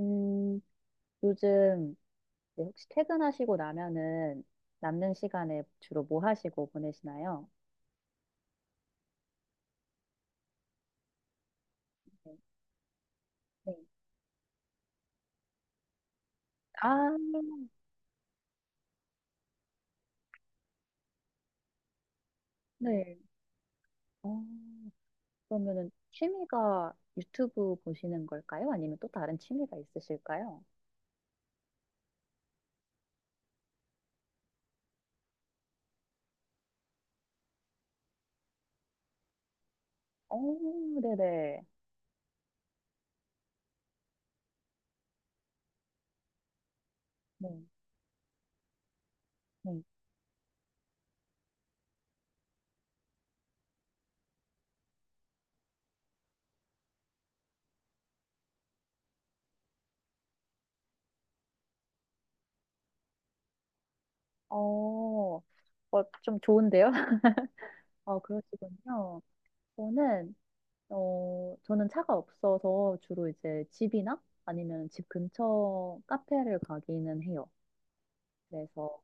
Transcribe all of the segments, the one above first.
음, 요즘 이제 혹시 퇴근하시고 나면은 남는 시간에 주로 뭐 하시고 보내시나요? 네. 네. 아, 네. 어, 그러면은 취미가 유튜브 보시는 걸까요? 아니면 또 다른 취미가 있으실까요? 어, 네네. 네. 네. 어, 좀 좋은데요? 그러시군요. 저는 저는 차가 없어서 주로 이제 집이나 아니면 집 근처 카페를 가기는 해요. 그래서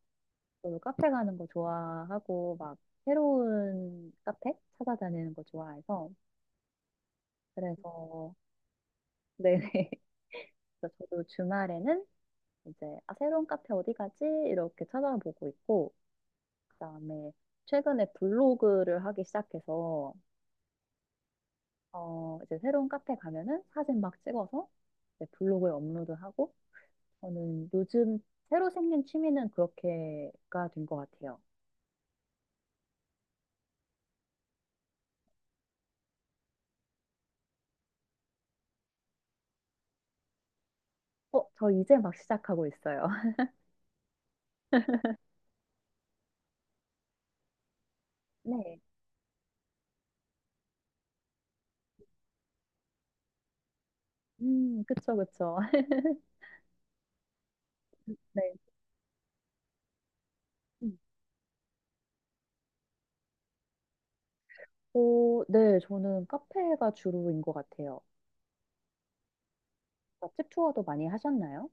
저도 카페 가는 거 좋아하고 막 새로운 카페 찾아다니는 거 좋아해서 그래서 네네. 그래서 저도 주말에는 이제 아, 새로운 카페 어디 가지? 이렇게 찾아보고 있고 그다음에 최근에 블로그를 하기 시작해서 이제 새로운 카페 가면은 사진 막 찍어서 이제 블로그에 업로드하고 저는 요즘 새로 생긴 취미는 그렇게가 된 것 같아요. 저 이제 막 시작하고 있어요. 네. 그쵸, 그쵸. 네. 음. 네, 저는 카페가 주로인 것 같아요. 맛집 투어도 많이 하셨나요?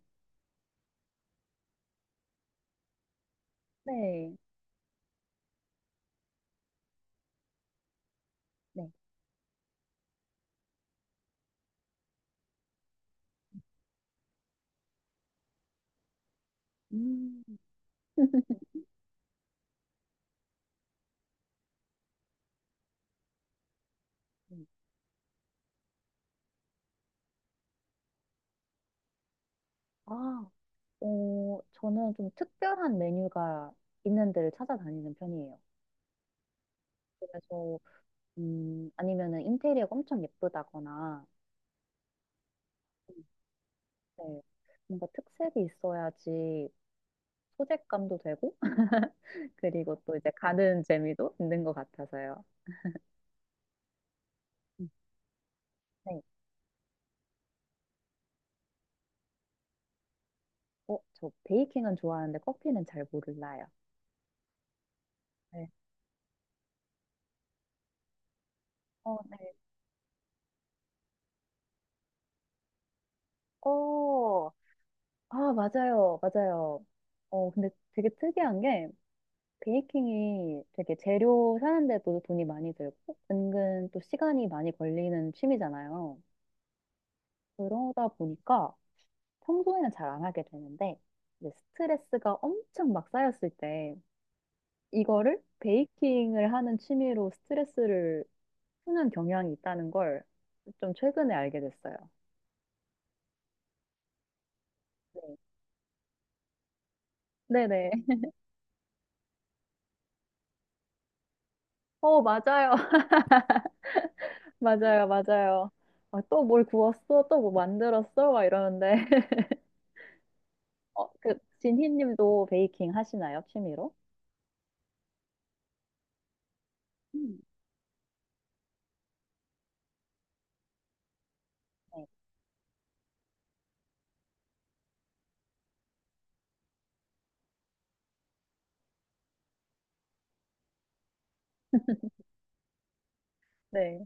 네. 네. 음. 음. 아, 저는 좀 특별한 메뉴가 있는 데를 찾아다니는 편이에요. 그래서, 아니면은 인테리어가 엄청 예쁘다거나, 음, 네. 뭔가 특색이 있어야지 소재감도 되고, 그리고 또 이제 가는 재미도 있는 것 같아서요. 음. 네. 저 베이킹은 좋아하는데 커피는 잘 몰라요. 네. 어, 네. 어, 아, 맞아요. 맞아요. 근데 되게 특이한 게, 베이킹이 되게 재료 사는데도 돈이 많이 들고, 은근 또 시간이 많이 걸리는 취미잖아요. 그러다 보니까 평소에는 잘 안 하게 되는데, 이제 스트레스가 엄청 막 쌓였을 때, 이거를 베이킹을 하는 취미로 스트레스를 푸는 경향이 있다는 걸 좀 최근에 알게 됐어요. 네. 네네. 맞아요. 맞아요. 맞아요. 아, 또뭘 구웠어? 또 뭐 만들었어? 막 이러는데. 진희님도 베이킹 하시나요? 취미로? 음. 네. 네.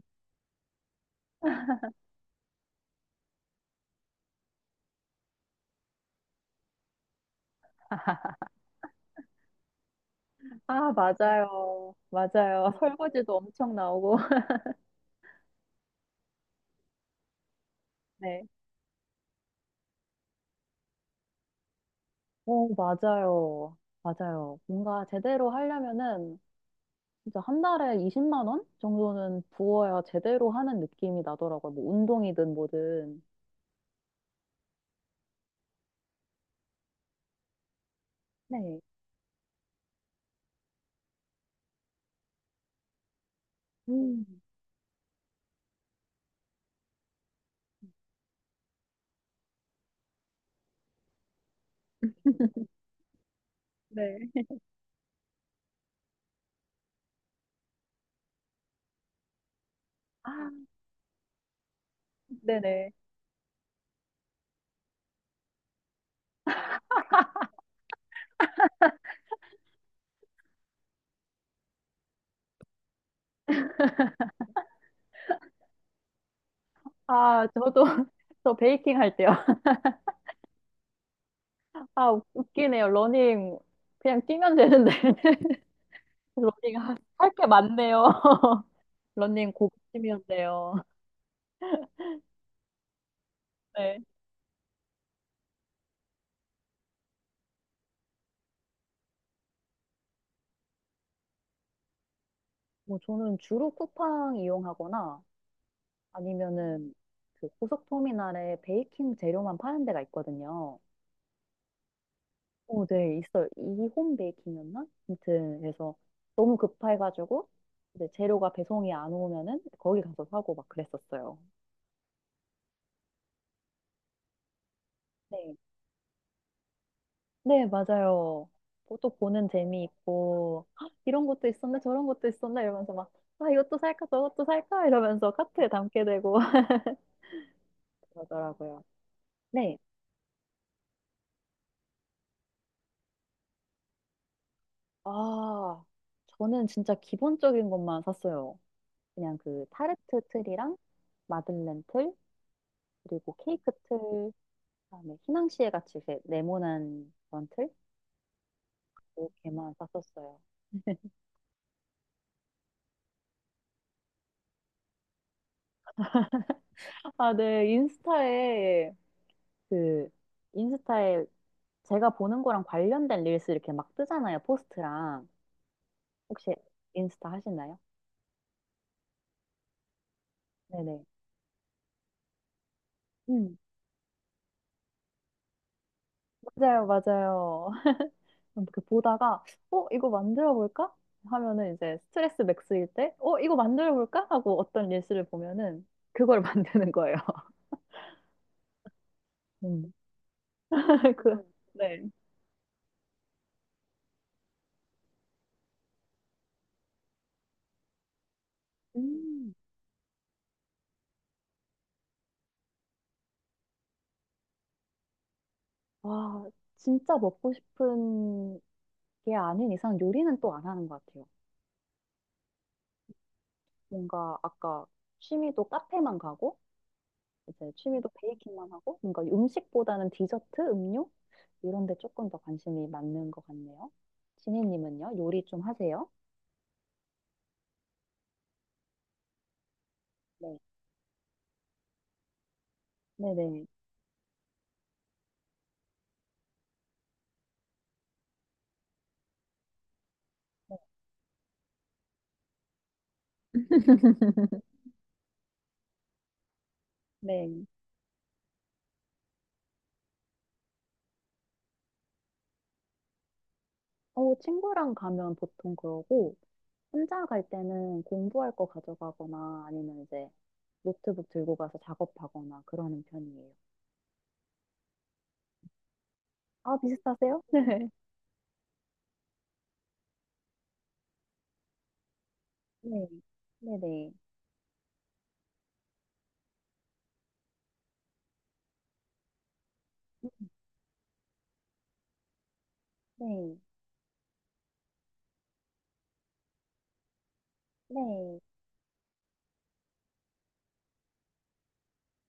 아, 맞아요. 맞아요. 설거지도 엄청 나오고. 네. 오, 맞아요. 맞아요. 뭔가 제대로 하려면은 진짜 한 달에 20만 원 정도는 부어야 제대로 하는 느낌이 나더라고요. 뭐 운동이든 뭐든. 네. 음, 네. 아, 네네. 아, 저도 저 베이킹 할 때요. 아, 웃기네요. 러닝 그냥 뛰면 되는데 러닝 할 게 많네요. 러닝 고급이면 돼요. 네. 뭐 저는 주로 쿠팡 이용하거나 아니면은 그 고속 터미널에 베이킹 재료만 파는 데가 있거든요. 네, 있어요. 이홈 베이킹이었나? 아무튼, 그래서 너무 급해가지고, 이제 재료가 배송이 안 오면은 거기 가서 사고 막 그랬었어요. 네. 네, 맞아요. 뭐또 보는 재미 있고, "헉, 이런 것도 있었네, 저런 것도 있었네, 이러면서 막, 아, 이것도 살까, 저것도 살까, 이러면서 카트에 담게 되고 그러더라고요. 네. 아, 저는 진짜 기본적인 것만 샀어요. 그냥 그 타르트 틀이랑 마들렌 틀, 그리고 케이크 틀, 다음에 희낭시에 같이 이렇게 네모난 그런 틀? 렇 개만 샀었어요. 아, 네. 인스타에 그 인스타에 제가 보는 거랑 관련된 릴스 이렇게 막 뜨잖아요. 포스트랑. 혹시 인스타 하시나요? 네네. 음, 맞아요, 맞아요. 그 보다가, 이거 만들어볼까? 하면은 이제 스트레스 맥스일 때, 이거 만들어볼까? 하고 어떤 릴스를 보면은 그걸 만드는 거예요. 음. 그, 네. 음. 와, 진짜 먹고 싶은 게 아닌 이상 요리는 또 안 하는 것 같아요. 뭔가 아까 취미도 카페만 가고, 이제 취미도 베이킹만 하고, 뭔가 음식보다는 디저트, 음료? 이런 데 조금 더 관심이 많는 것 같네요. 지니님은요? 요리 좀 하세요? 네. 네네. 네. 친구랑 가면 보통 그러고, 혼자 갈 때는 공부할 거 가져가거나 아니면 이제 노트북 들고 가서 작업하거나 그러는 편이에요. 아, 비슷하세요? 네. 네, 네네. 네, 네.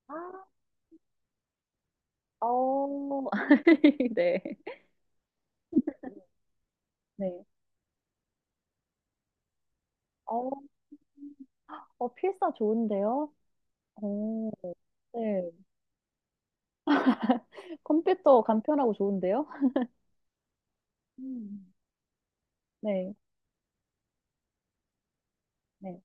아, 어, 네. 네. 어, 필사 좋은데요? 어, 네. 컴퓨터 간편하고 좋은데요? 음. 네, 네,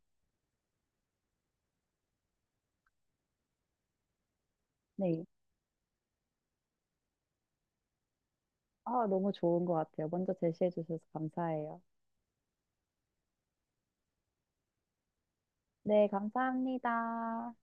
네. 아, 너무 좋은 것 같아요. 먼저 제시해 주셔서 감사해요. 네, 감사합니다.